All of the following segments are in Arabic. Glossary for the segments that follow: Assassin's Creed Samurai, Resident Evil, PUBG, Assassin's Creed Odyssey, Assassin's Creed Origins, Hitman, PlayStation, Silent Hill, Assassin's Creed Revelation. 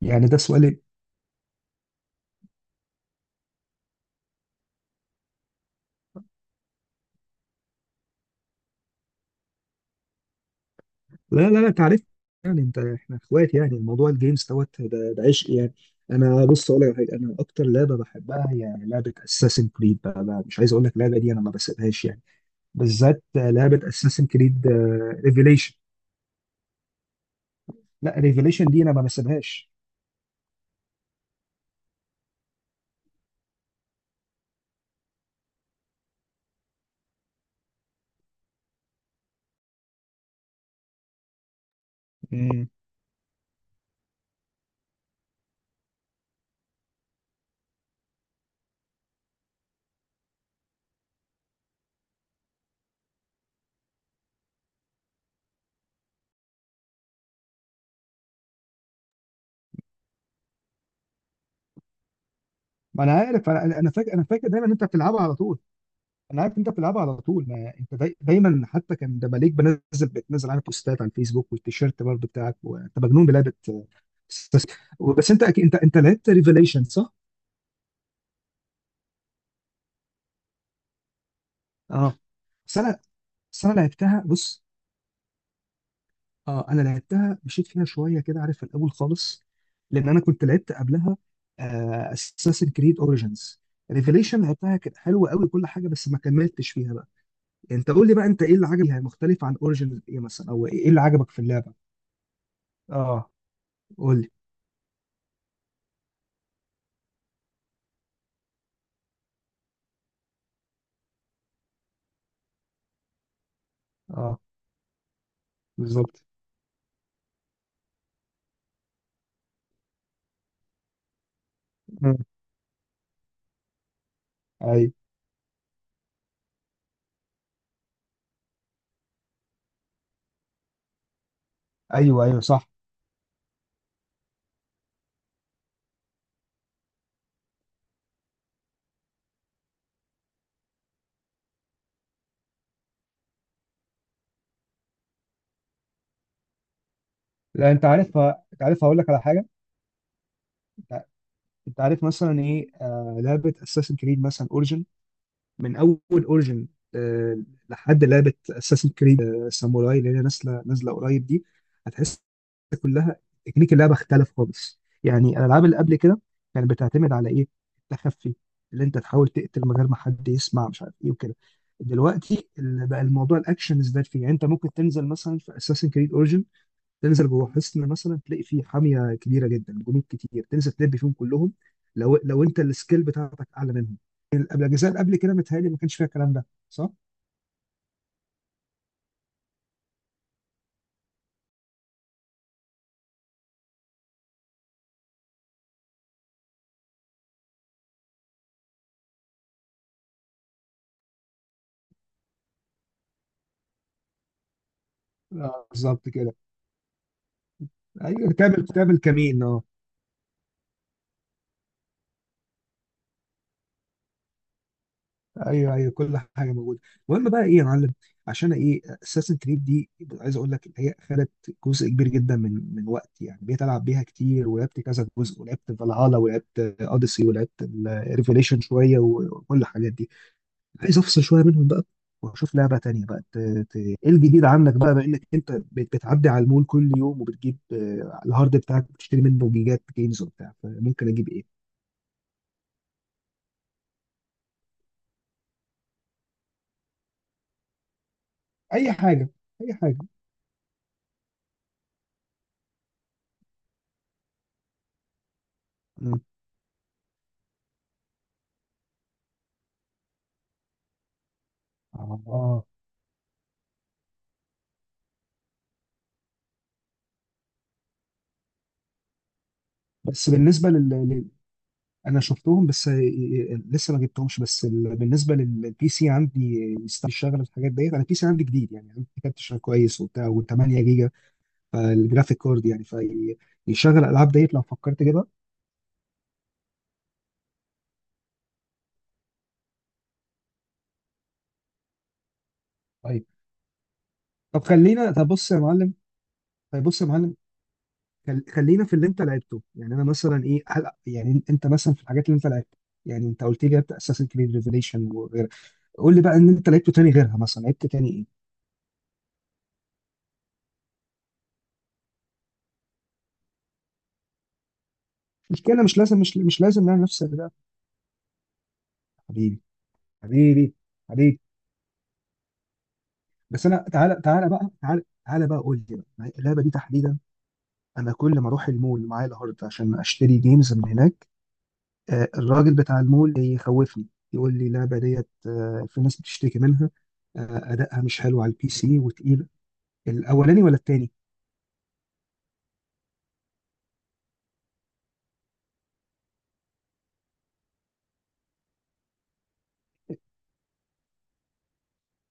يعني ده سؤال إيه؟ لا لا لا تعرف. يعني انت احنا اخوات، يعني الموضوع الجيمز دوت ده عشق يعني. انا بص اقول لك على حاجه، انا اكتر لعبه بحبها هي لعبه اساسن كريد بقى مش عايز اقول لك، اللعبه دي انا ما بسيبهاش يعني. بالذات لعبه اساسن كريد ريفيليشن. لا، ريفيليشن دي انا ما بسيبهاش. مم. ما انا عارف، انا فاكر، دايما ان انت بتلعبها على طول. انا عارف انت بتلعبها على طول، ما انت دايما، حتى كان ده مالك بتنزل على بوستات على الفيسبوك والتيشيرت برضه بتاعك، وانت مجنون بلعبه. بس بس انت أكيد، انت لعبت ريفيليشن صح؟ اه. بس انا بس انا لعبتها بص. اه انا لعبتها، مشيت فيها شويه كده عارف، في الاول خالص، لان انا كنت لعبت قبلها اساسن كريد اوريجينز. ريفيليشن لعبتها كانت حلوه قوي كل حاجه، بس ما كملتش فيها بقى. يعني انت قول لي بقى، انت ايه اللي عجبك فيها مختلف عن اوريجينز ايه مثلا، او ايه اللي عجبك في اللعبه؟ اه قول لي. اه بالظبط. مم. ايوه، ايوه، ايوه صح. لا انت عارف، انت عارف هقول لك على حاجه. انت أنت عارف مثلا ايه، آه، لعبه اساسن كريد مثلا اوريجن، من اول اوريجن لحد لعبه اساسن كريد ساموراي اللي هي نازله نازله قريب دي، هتحس كلها تكنيك اللعبه اختلف خالص. يعني الالعاب اللي قبل كده كانت بتعتمد على ايه؟ التخفي، اللي انت تحاول تقتل من غير ما حد يسمع، مش عارف ايه وكده. دلوقتي اللي بقى الموضوع الاكشن ازداد فيه. يعني انت ممكن تنزل مثلا في اساسن كريد اوريجن، تنزل جوه حصن مثلا تلاقي فيه حاميه كبيره جدا، جنود كتير، تنزل تلب فيهم كلهم، لو انت السكيل بتاعتك اعلى منهم. قبل الاجزاء اللي قبل كده متهيألي ما كانش فيها الكلام ده، صح؟ اه بالظبط كده. ايوه تعمل كمين اه. ايوه، ايوه، كل حاجه موجوده. المهم بقى ايه يا معلم، عشان ايه اساسن كريد دي؟ عايز اقول لك إن هي خدت جزء كبير جدا من وقتي. يعني بقيت العب بيها كتير، ولعبت كذا جزء، ولعبت فالهالا، ولعبت اوديسي، ولعبت ريفيليشن شويه، وكل الحاجات دي. عايز افصل شويه منهم بقى، واشوف لعبه تانية بقى، ايه الجديد عندك بقى بما انك انت بتعدي على المول كل يوم، وبتجيب آه، الهارد بتاعك بتشتري منه جيجات جيمز وبتاع، فممكن اجيب ايه؟ اي حاجه، اي حاجه. مم. اه آه. بس بالنسبه انا شفتهم بس آه، آه، لسه ما جبتهمش. بس بالنسبه للبي سي عندي، آه، يستاهل يشتغل الحاجات ديت. انا البي سي عندي جديد يعني، عندي كارت شغال كويس وبتاع، و8 جيجا فالجرافيك كارد يعني. فيشغل الالعاب ديت لو فكرت اجيبها. طيب. طب خلينا، طب بص يا معلم، طيب بص يا معلم، خلينا في اللي انت لعبته. يعني انا مثلا ايه، هل يعني انت مثلا في الحاجات اللي انت لعبتها، يعني انت قلت لي لعبت اساسن كريد ريفيليشن وغيرها، قول لي بقى ان انت لعبته تاني غيرها، مثلا لعبت تاني ايه؟ مش كده، مش لازم، مش لازم نعمل نفس اللي ده. حبيبي، حبيبي، حبيبي، بس انا، تعالى تعالى بقى، تعالى تعالى بقى قول لي بقى، اللعبه دي تحديدا انا كل ما اروح المول معايا الهارد عشان اشتري جيمز من هناك، آه، الراجل بتاع المول يخوفني، يقول لي اللعبة ديت آه، في ناس بتشتكي منها، آه، أدائها مش حلو على البي سي وتقيلة. الأولاني ولا التاني؟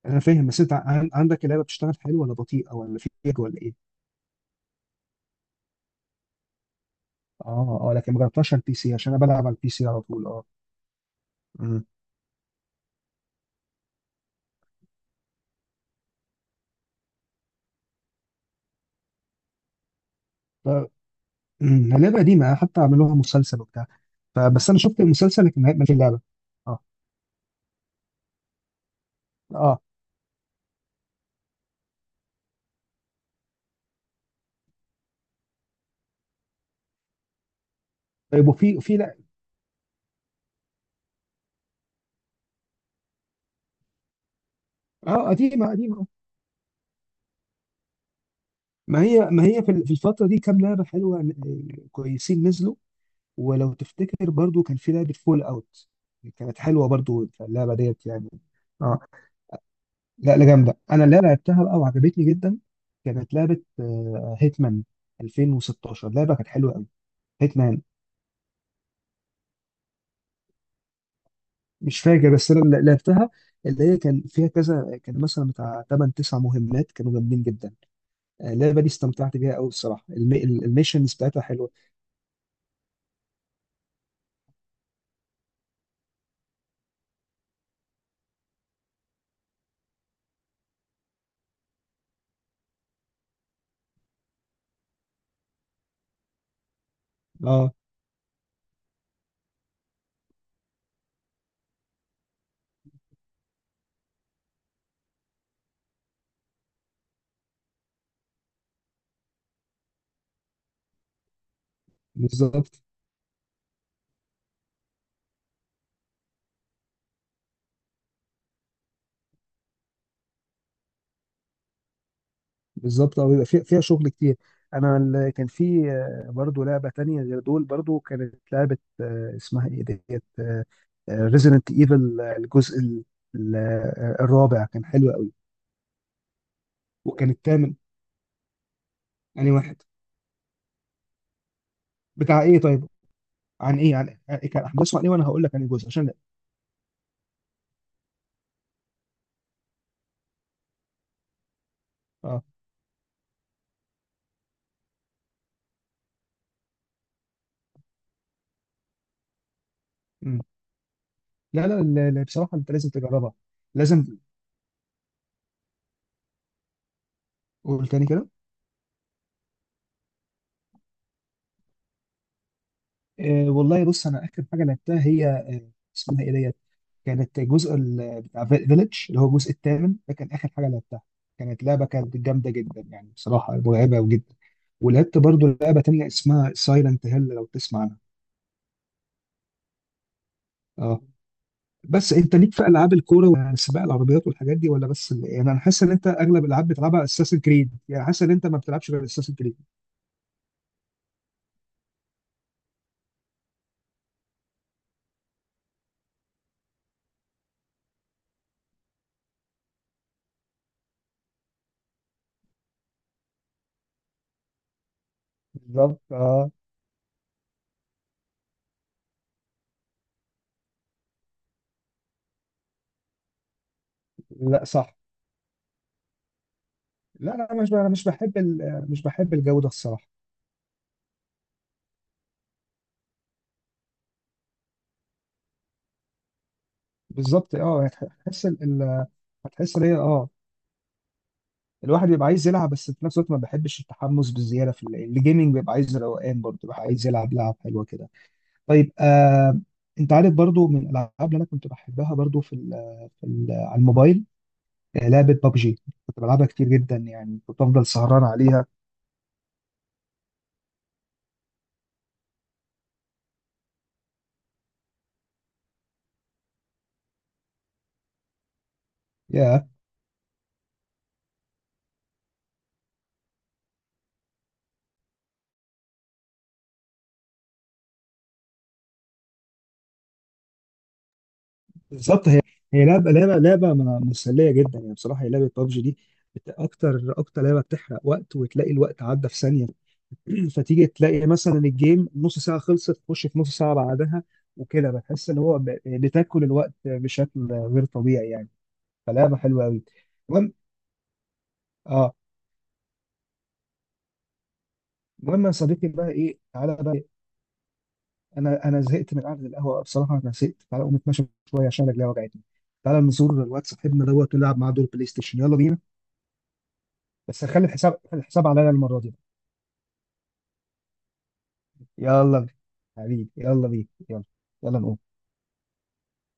أنا فاهم، بس أنت عندك اللعبة بتشتغل حلو ولا بطيئة، ولا فيك ولا إيه؟ آه آه، لكن ما جربتهاش على البي سي عشان أنا بلعب على البي سي على طول، آه. مم. ف- مم، لعبة قديمة، حتى عملوها مسلسل وبتاع، فبس أنا شفت المسلسل لكن ما، في اللعبة آه آه. طيب، وفي لعبة، آه، قديمة، قديمة، آه. ما هي، في الفترة دي كام لعبة حلوة، آه، كويسين نزلوا. ولو تفتكر برضو كان في لعبة فول اوت، كانت حلوة برضو اللعبة ديت يعني. اه. لا لا، جامدة، انا اللي لعبتها بقى وعجبتني جدا. كانت لعبة هيتمان 2016، لعبة كانت حلوة قوي. هيتمان مش فاكر، بس انا اللي لعبتها اللي هي كان فيها كذا، كان مثلا بتاع 8 9 مهمات كانوا جامدين جدا. آه، اللعبة دي استمتعت بيها قوي الصراحة، الميشنز بتاعتها حلوة. اه بالظبط. بالظبط اه، بيبقى فيها شغل كتير. انا كان في آه، برضو لعبه تانية غير دول، برضو كانت لعبه آه، اسمها ايه ديت، ريزيدنت ايفل الجزء آه، الرابع كان حلو قوي. وكان الثامن. انهي واحد؟ بتاع ايه طيب، عن ايه، عن آه، إيه كان احداثه عن ايه، وانا هقول لك عن الجزء عشان. اه. مم. لا لا لا لا، بصراحه انت لازم تجربها. لازم. قول تاني كده. آه، والله بص انا اخر حاجه لعبتها هي آه، اسمها ايه ديت، كانت الجزء بتاع فيليج اللي هو الجزء الثامن، ده كان اخر حاجه لعبتها. كانت لعبه كانت جامده جدا يعني، بصراحه مرعبه جدا. ولعبت برضو لعبه تانية اسمها سايلنت هيل، لو تسمع عنها. اه. بس انت ليك في العاب الكوره وسباق العربيات والحاجات دي، ولا بس يعني انا حاسس ان انت اغلب الالعاب بتلعبها اساسن كريد، يعني حاسس ان انت ما بتلعبش غير اساسن كريد. بالظبط اه. لا صح، لا لا انا مش ب- انا مش بحب مش بحب الجو ده الصراحه. بالظبط اه، هتحس هتحس ان هي، اه، الواحد بيبقى عايز يلعب، بس في نفس الوقت ما بحبش التحمس بالزياده في الجيمنج. بيبقى عايز روقان برضه، بيبقى عايز يلعب لعب حلوه كده. طيب آه. انت عارف برضه من الالعاب اللي انا كنت بحبها برضه في ال، على الموبايل، آه، لعبه بابجي. كنت بلعبها كتير جدا يعني، كنت افضل سهران عليها. يا، بالظبط هي، هي لعبه، مسليه جدا يعني، بصراحه هي لعبه بابجي دي، اكتر، اكتر لعبه بتحرق وقت، وتلاقي الوقت عدى في ثانيه. فتيجي تلاقي مثلا الجيم نص ساعة خلصت، تخش في نص ساعة بعدها. وكده بتحس ان هو بتاكل الوقت بشكل غير طبيعي يعني. فلعبة حلوة قوي. المهم، اه، المهم يا صديقي بقى ايه، تعالى بقى إيه، انا زهقت من قعدة القهوة بصراحة، انا زهقت. تعالى اقوم اتمشى شوية عشان رجلي وجعتني. تعالى نزور الواد صاحبنا دوت، ونلعب معاه دور بلاي ستيشن، يلا بينا. بس هخلي الحساب، خلي الحساب عليا المرة دي. يلا بينا. حبيبي يلا بينا، يلا، يلا نقوم.